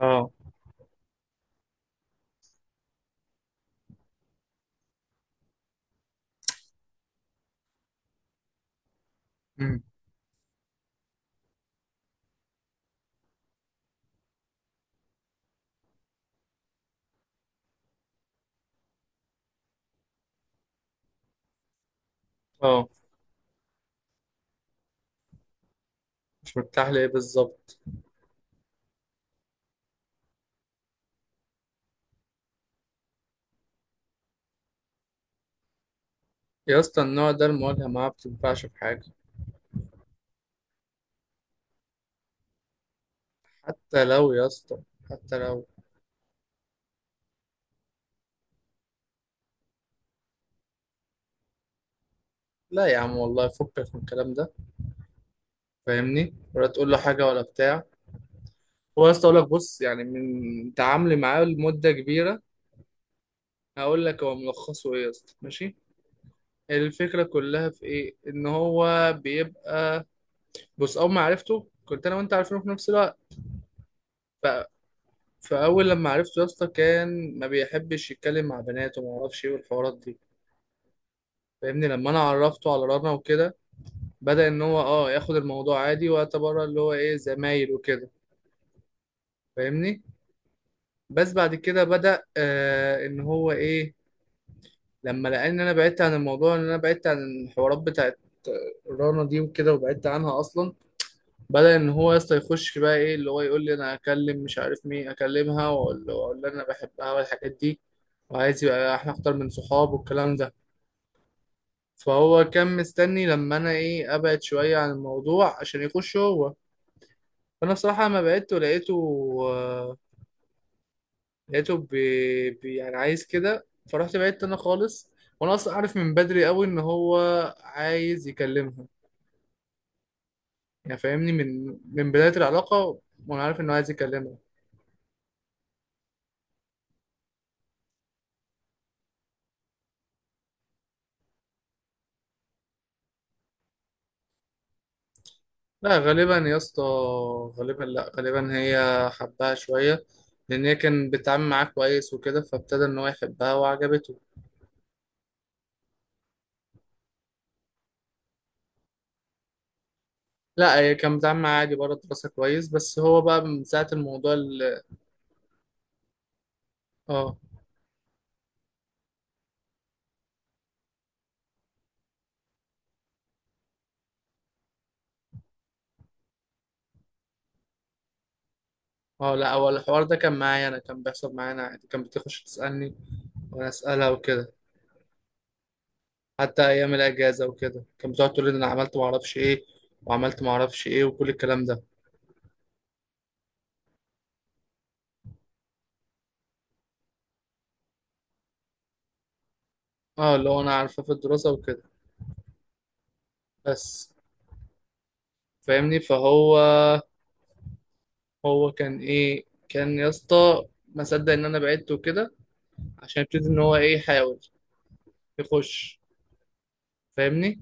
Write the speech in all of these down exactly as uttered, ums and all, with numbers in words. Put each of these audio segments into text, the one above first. اه. امم. اه، مش مرتاح ليه بالظبط؟ يا اسطى النوع ده المواجهة معاه بتنفعش في حاجة. حتى لو يا اسطى، حتى لو. لا يا عم والله فكك من الكلام ده، فاهمني؟ ولا تقول له حاجة ولا بتاع. هو يا اسطى اقول لك، بص يعني من تعاملي معاه لمدة كبيرة هقول لك هو ملخصه ايه يا اسطى، ماشي. الفكرة كلها في ايه، ان هو بيبقى، بص اول ما عرفته كنت انا وانت عارفينه في نفس الوقت. ف... فاول لما عرفته يا اسطى كان ما بيحبش يتكلم مع بنات وما اعرفش ايه والحوارات دي. فاهمني، لما انا عرفته على رنا وكده بدأ ان هو اه ياخد الموضوع عادي واعتبرها اللي هو ايه، زمايل وكده. فاهمني. بس بعد كده بدأ آه ان هو ايه، لما لقى ان انا بعدت عن الموضوع، ان انا بعدت عن الحوارات بتاعت رنا دي وكده وبعدت عنها اصلا، بدأ ان هو يسطا يخش بقى ايه، اللي هو يقول لي انا اكلم مش عارف مين، اكلمها واقول له واقول له انا بحبها والحاجات دي، وعايز يبقى احنا اكتر من صحاب والكلام ده. فهو كان مستني لما انا ايه، ابعد شوية عن الموضوع عشان يخش هو. فانا بصراحه ما بعته لقيته، آه، لقيته بي بي يعني عايز كده، فرحت بعدت انا خالص. وانا اصلا عارف من بدري قوي ان هو عايز يكلمها، يعني فاهمني من من بدايه العلاقه، وانا عارف انه عايز يكلمها. لا غالبا يا اسطى، غالبا لا غالبا هي حبها شويه لان هي كان بتتعامل معاه كويس وكده فابتدى ان هو يحبها وعجبته. لا هي كان بتتعامل معاه عادي بره الدراسه كويس، بس هو بقى من ساعه الموضوع ال- اه. اه لا هو الحوار ده كان معايا انا، كان بيحصل معانا عادي، كانت بتخش تسألني وانا اسألها وكده. حتى ايام الاجازة وكده كانت بتقعد تقول لي إن انا عملت ما اعرفش ايه وعملت ما اعرفش ايه وكل الكلام ده. اه اللي هو انا عارفة في الدراسة وكده بس. فاهمني، فهو هو كان ايه، كان يا اسطى ما صدق ان انا بعدت وكده عشان يبتدي ان هو ايه، يحاول يخش. فاهمني.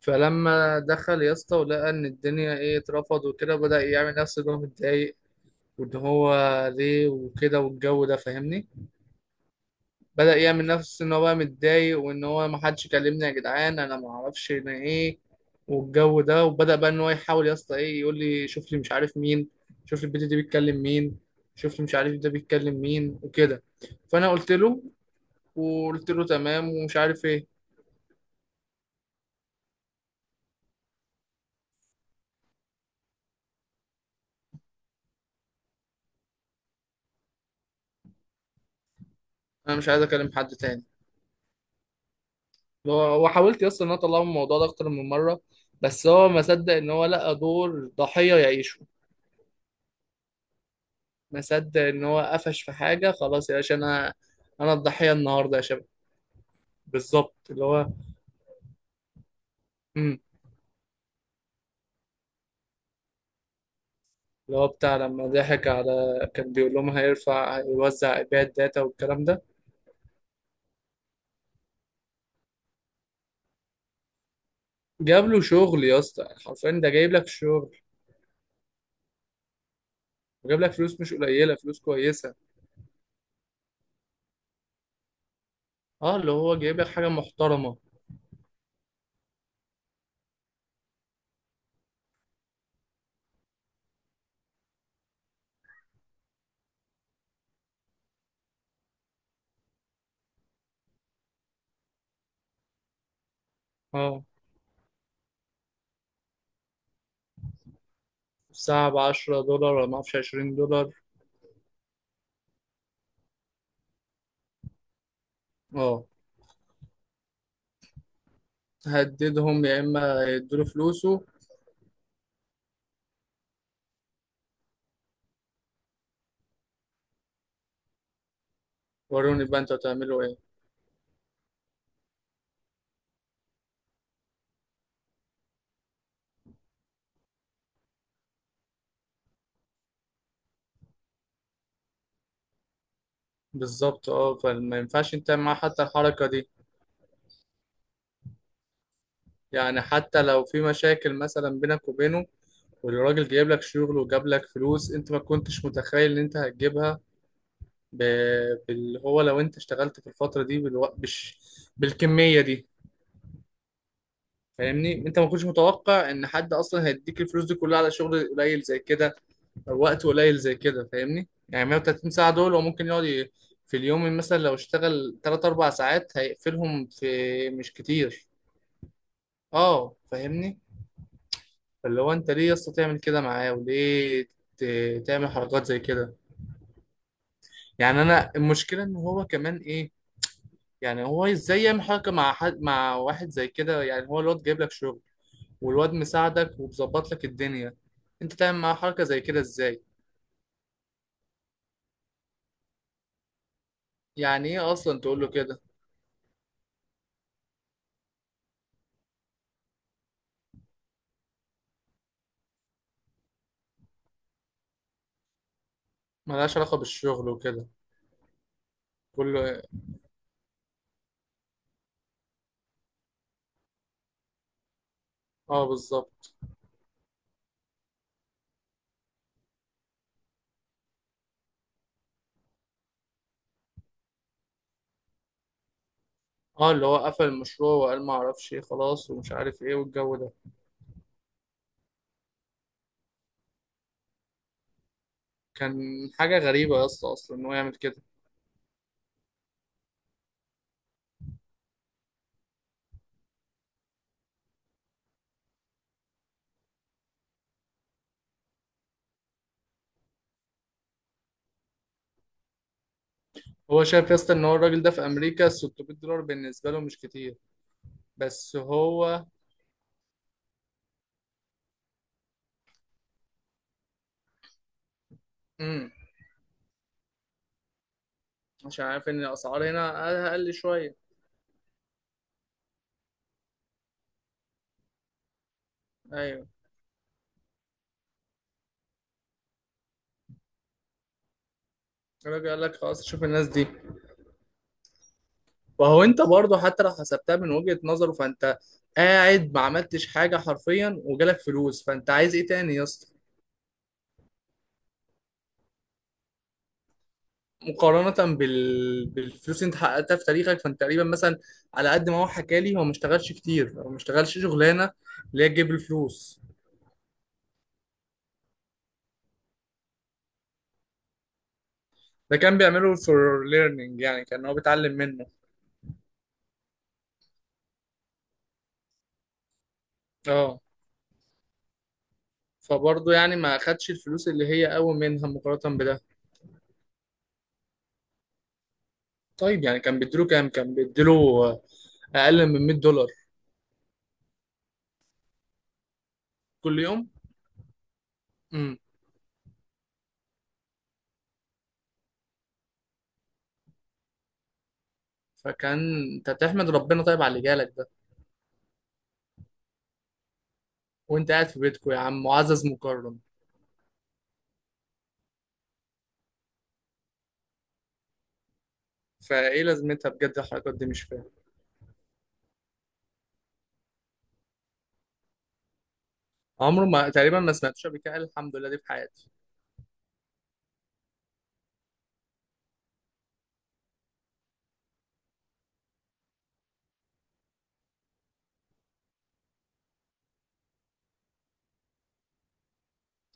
فلما دخل يا اسطى ولقى ان الدنيا ايه، اترفض وكده، بدأ يعمل نفسه ان هو متضايق وان هو ليه وكده والجو ده. فاهمني. بدأ يعمل نفس ان هو بقى متضايق وان هو ما حدش كلمني يا جدعان، انا ما اعرفش انا ايه، والجو ده. وبدأ بقى ان هو يحاول يا اسطى ايه، يقول لي شوف لي مش عارف مين، شوف لي البت دي بيتكلم مين، شوف لي مش عارف ده بيتكلم مين وكده. فانا قلت له وقلت له تمام ومش عارف ايه، انا مش عايز اكلم حد تاني. اللي هو وحاولت يا اسطى ان انا اطلعه من الموضوع ده اكتر من مره، بس هو ما صدق ان هو لقى دور ضحيه يعيشه. ما صدق ان هو قفش في حاجه، خلاص يا باشا انا، انا الضحيه النهارده يا شباب. بالظبط اللي هو. امم. اللي هو بتاع لما ضحك على، كان بيقول لهم هيرفع هيوزع يبيع الداتا والكلام ده. جاب له شغل يا اسطى حرفيا، ده جايب لك شغل وجايب لك فلوس مش قليله، فلوس كويسه. اه اللي هو جايب لك حاجه محترمه. اه الساعه ب عشرة دولار ولا ما اعرفش عشرين دولار. اه، هددهم يا اما يدوا فلوسه. وروني بقى انتوا هتعملوا ايه. بالظبط اه، فما ينفعش انت معاه حتى الحركه دي. يعني حتى لو في مشاكل مثلا بينك وبينه، والراجل جايب لك شغل وجاب لك فلوس انت ما كنتش متخيل ان انت هتجيبها. ب... بال... هو لو انت اشتغلت في الفترة دي بالو... بش... بالكمية دي. فاهمني، انت ما كنتش متوقع ان حد اصلا هيديك الفلوس دي كلها على شغل قليل زي كده او وقت قليل زي كده. فاهمني، يعني مية وتلاتين ساعة دول هو ممكن يقعد ي... في اليوم مثلا لو اشتغل ثلاث اربعة ساعات هيقفلهم في، مش كتير. اه فاهمني. فاللي هو انت ليه يا اسطى تعمل كده معاه وليه ت- تعمل حركات زي كده؟ يعني انا المشكله ان هو كمان ايه، يعني هو ازاي يعمل حركه مع حد، مع واحد زي كده؟ يعني هو الواد جايب لك شغل والواد مساعدك ومظبط لك الدنيا، انت تعمل معاه حركه زي كده ازاي؟ يعني ايه اصلا تقول له كده، ملهاش علاقه بالشغل وكده. تقول له إيه؟ اه بالظبط. اه اللي هو قفل المشروع وقال ما اعرفش ايه خلاص ومش عارف ايه والجو ده. كان حاجه غريبه يا اسطى اصلا ان هو يعمل كده. هو شايف يا اسطى ان هو الراجل ده في امريكا ستمائة دولار بالنسبه له مش كتير. بس هو، امم، عشان عارف ان الاسعار هنا اقل، أقل شويه. ايوه. الراجل قال لك خلاص شوف الناس دي. وهو انت برضه حتى لو حسبتها من وجهه نظره فانت قاعد ما عملتش حاجه حرفيا وجالك فلوس، فانت عايز ايه تاني يا اسطى؟ مقارنه بال... بالفلوس اللي انت حققتها في تاريخك، فانت تقريبا مثلا على قد ما هو حكى لي هو ما اشتغلش كتير، هو ما اشتغلش شغلانه اللي هي تجيب الفلوس. ده كان بيعمله فور ليرنينج، يعني كان هو بيتعلم منه. اه فبرضه يعني ما اخدش الفلوس اللي هي قوي منها مقارنة بده. طيب يعني كان بيديله كام، كان بيديله، آه، اقل من مية دولار كل يوم. امم. فكان انت تحمد ربنا طيب على اللي جالك ده، وانت قاعد في بيتكو يا عم معزز مكرم. فايه لازمتها بجد الحركات دي، مش فاهم. عمره ما تقريبا، ما سمعتش قبل كده قال الحمد لله دي في حياتي.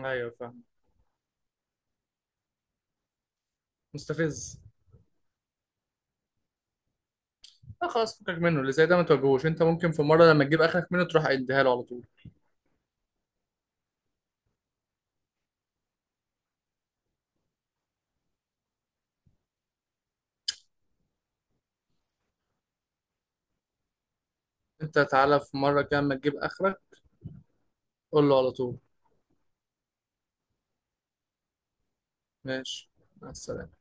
ايوه فاهم. مستفز. لا خلاص فكك منه، اللي زي ده ما تواجهوش. انت ممكن في مره لما تجيب اخرك منه تروح اديها له على طول. انت تعالى في مرة كده اما تجيب اخرك قول له على طول. ماشي. مع السلامة.